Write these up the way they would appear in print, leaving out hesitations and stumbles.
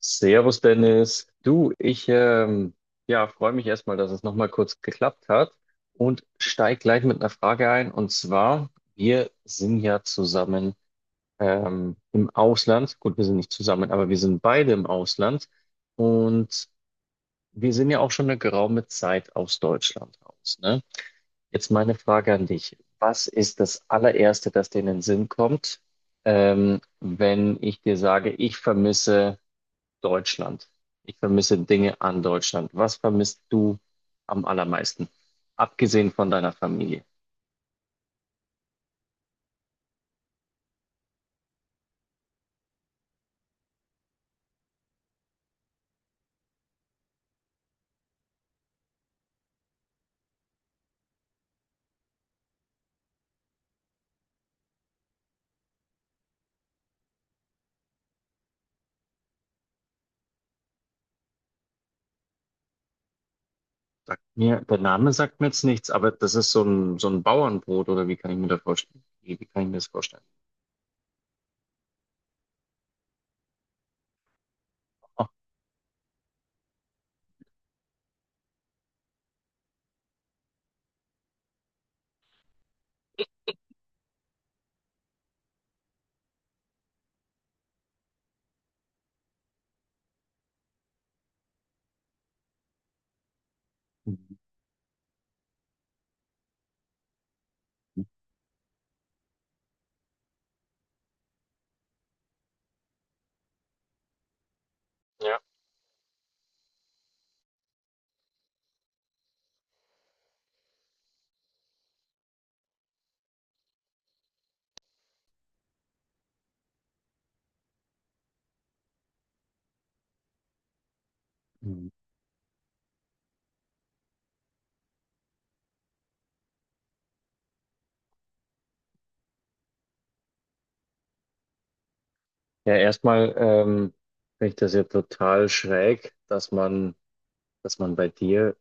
Servus Dennis, du, ich ja, freue mich erstmal, dass es nochmal kurz geklappt hat und steig gleich mit einer Frage ein. Und zwar, wir sind ja zusammen im Ausland. Gut, wir sind nicht zusammen, aber wir sind beide im Ausland und wir sind ja auch schon eine geraume Zeit aus Deutschland raus, ne? Jetzt meine Frage an dich. Was ist das allererste, das dir in den Sinn kommt, wenn ich dir sage, ich vermisse Deutschland. Ich vermisse Dinge an Deutschland. Was vermisst du am allermeisten? Abgesehen von deiner Familie. Sagt mir, der Name sagt mir jetzt nichts, aber das ist so ein Bauernbrot oder wie kann ich mir das vorstellen? Wie kann ich mir das vorstellen? Ah, mhm. Ja. Mhm. Ja, erstmal finde ich das ja total schräg, dass man bei dir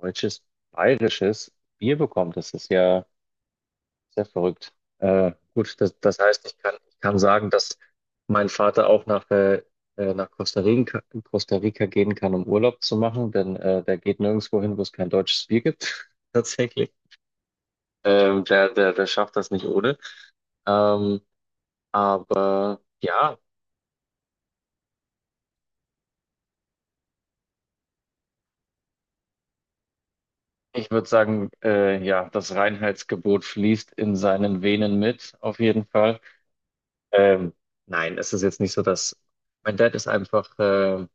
deutsches, bayerisches Bier bekommt. Das ist ja sehr verrückt. Gut, das heißt, ich kann sagen, dass mein Vater auch nach Costa Rica gehen kann, um Urlaub zu machen, denn der geht nirgendwo hin, wo es kein deutsches Bier gibt. Tatsächlich. Der schafft das nicht ohne. Ähm, aber ja, ich würde sagen, ja, das Reinheitsgebot fließt in seinen Venen mit, auf jeden Fall. Ähm, nein, es ist jetzt nicht so, dass mein Dad ist einfach,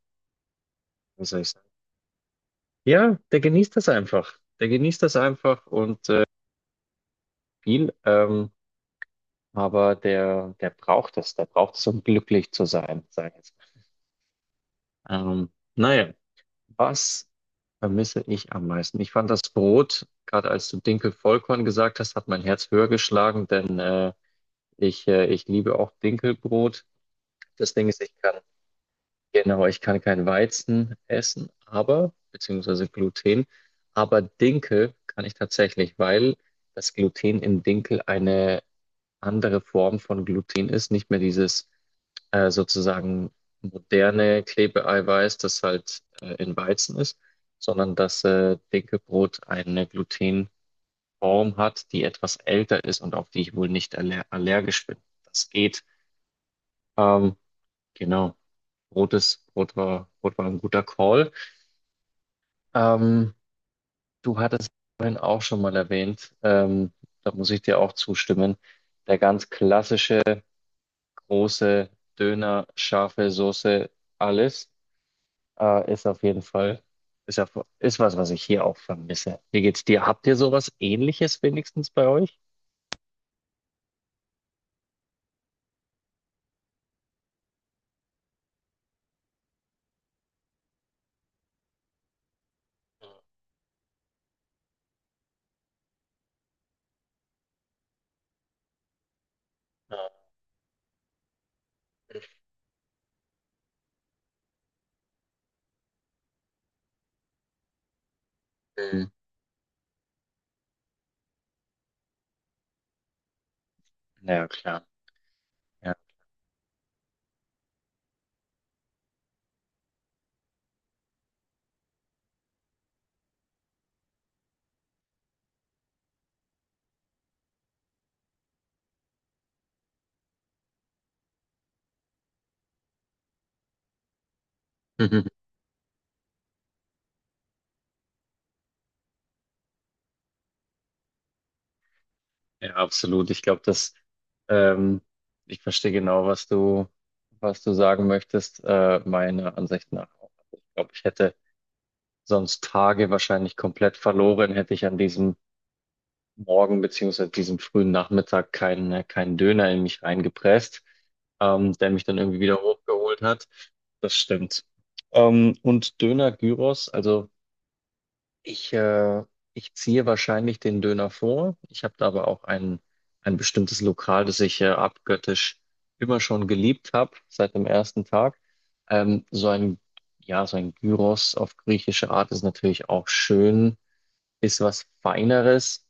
wie soll ich sagen, ja, der genießt das einfach. Der genießt das einfach und viel, aber der braucht es. Der braucht es, um glücklich zu sein, sage ich jetzt. Ähm, naja, was vermisse ich am meisten? Ich fand das Brot, gerade als du Dinkel-Vollkorn gesagt hast, hat mein Herz höher geschlagen, denn ich liebe auch Dinkelbrot. Das Ding ist, ich kann. Genau, ich kann kein Weizen essen, aber, beziehungsweise Gluten, aber Dinkel kann ich tatsächlich, weil das Gluten in Dinkel eine andere Form von Gluten ist, nicht mehr dieses sozusagen moderne Klebeeiweiß, das halt in Weizen ist, sondern dass Dinkelbrot eine Glutenform hat, die etwas älter ist und auf die ich wohl nicht allergisch bin. Das geht. Ähm, Genau. Brot war ein guter Call. Ähm, Du hattest vorhin auch schon mal erwähnt, da muss ich dir auch zustimmen, der ganz klassische große Döner, scharfe Soße, alles, ist auf jeden Fall, ist was, was ich hier auch vermisse. Wie geht's dir? Habt ihr sowas Ähnliches wenigstens bei euch? Ja. Mhm. Na ja, klar. Ja. Ja, absolut. Ich glaube, dass ähm, ich verstehe genau, was du sagen möchtest, meiner Ansicht nach auch. Ich glaube, ich hätte sonst Tage wahrscheinlich komplett verloren, hätte ich an diesem Morgen beziehungsweise diesem frühen Nachmittag keinen Döner in mich reingepresst, der mich dann irgendwie wieder hochgeholt hat. Das stimmt. Und Döner Gyros, also ich, äh, ich ziehe wahrscheinlich den Döner vor. Ich habe da aber auch ein bestimmtes Lokal, das ich abgöttisch immer schon geliebt habe, seit dem ersten Tag. Ähm, so ein, ja, so ein Gyros auf griechische Art ist natürlich auch schön, ist was Feineres.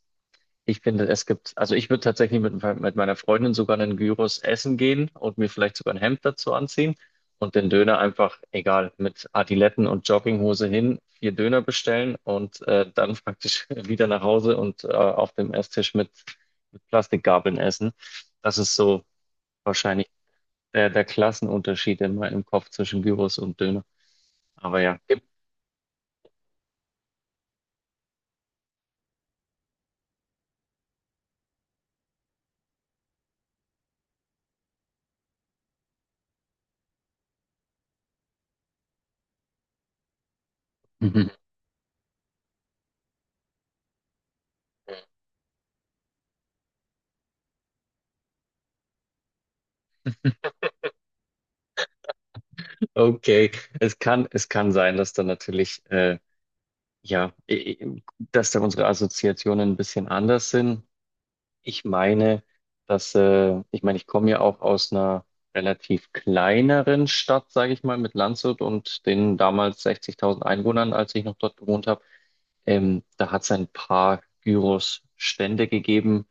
Ich finde, also ich würde tatsächlich mit meiner Freundin sogar einen Gyros essen gehen und mir vielleicht sogar ein Hemd dazu anziehen und den Döner einfach, egal, mit Adiletten und Jogginghose hin, vier Döner bestellen und dann praktisch wieder nach Hause und auf dem Esstisch mit Plastikgabeln essen. Das ist so wahrscheinlich der Klassenunterschied in meinem Kopf zwischen Gyros und Döner. Aber ja, gibt. Okay, es kann sein, dass da natürlich, dass da unsere Assoziationen ein bisschen anders sind. Ich meine, ich komme ja auch aus einer relativ kleineren Stadt, sage ich mal, mit Landshut und den damals 60.000 Einwohnern, als ich noch dort gewohnt habe. Da hat es ein paar Gyros-Stände gegeben,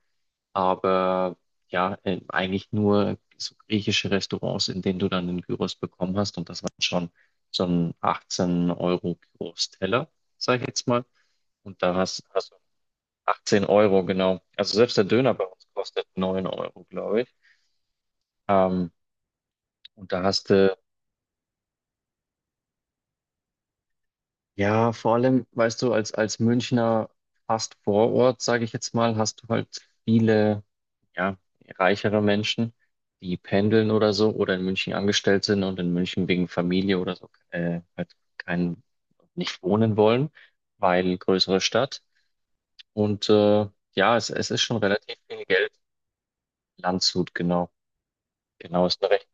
aber ja, eigentlich nur so griechische Restaurants, in denen du dann den Gyros bekommen hast. Und das waren schon so ein 18-Euro-Gyros-Teller, sag ich jetzt mal. Und da hast du 18 Euro, genau. Also selbst der Döner bei uns kostet 9 Euro, glaube ich. Ähm, und da hast du, ja, vor allem, weißt du, als Münchner fast Vorort, sage ich jetzt mal, hast du halt viele, ja, reichere Menschen, die pendeln oder so oder in München angestellt sind und in München wegen Familie oder so, halt kein, nicht wohnen wollen, weil größere Stadt. Und ja, es ist schon relativ viel Geld. Landshut, genau. Genau, ist recht.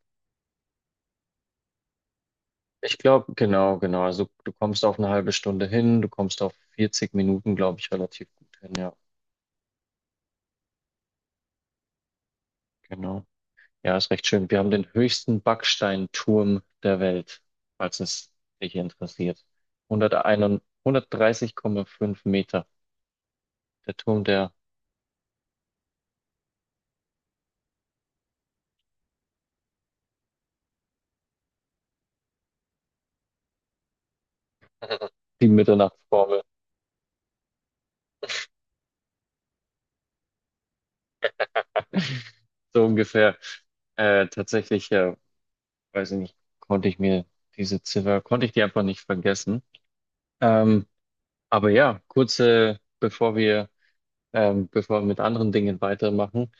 Ich glaube, genau, genau. Also du kommst auf eine halbe Stunde hin, du kommst auf 40 Minuten, glaube ich, relativ gut hin, ja. Genau. Ja, ist recht schön. Wir haben den höchsten Backsteinturm der Welt, falls es dich interessiert. 101, 130,5 Meter. Der Turm der. Die Mitternachtsformel. So ungefähr. Tatsächlich, weiß ich nicht, konnte ich mir diese Ziffer, konnte ich die einfach nicht vergessen. Ähm, aber ja, bevor wir mit anderen Dingen weitermachen,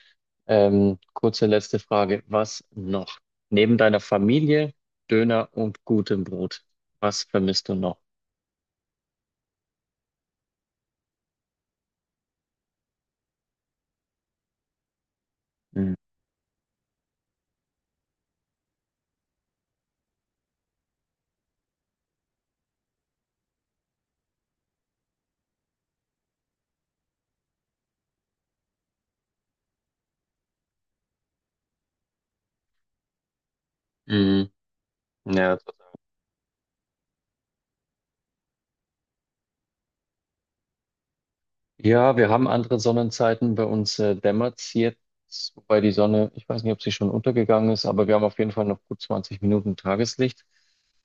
Kurze letzte Frage. Was noch? Neben deiner Familie, Döner und gutem Brot, was vermisst du noch? Mhm. Mhm. Ja, total. Ja, wir haben andere Sonnenzeiten. Bei uns dämmert es jetzt, wobei die Sonne, ich weiß nicht, ob sie schon untergegangen ist, aber wir haben auf jeden Fall noch gut 20 Minuten Tageslicht.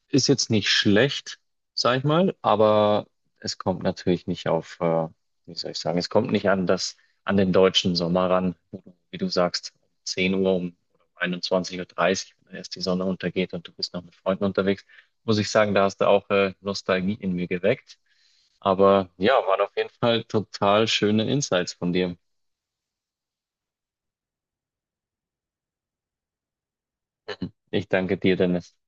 Ist jetzt nicht schlecht, sag ich mal, aber es kommt natürlich nicht wie soll ich sagen, es kommt nicht an das, an den deutschen Sommer ran, wo du, wie du sagst, um 10 Uhr um, oder um 21:30 Uhr, dreißig, wenn erst die Sonne untergeht und du bist noch mit Freunden unterwegs, muss ich sagen, da hast du auch Nostalgie in mir geweckt. Aber ja, waren auf jeden Fall total schöne Insights von dir. Ich danke dir, Dennis.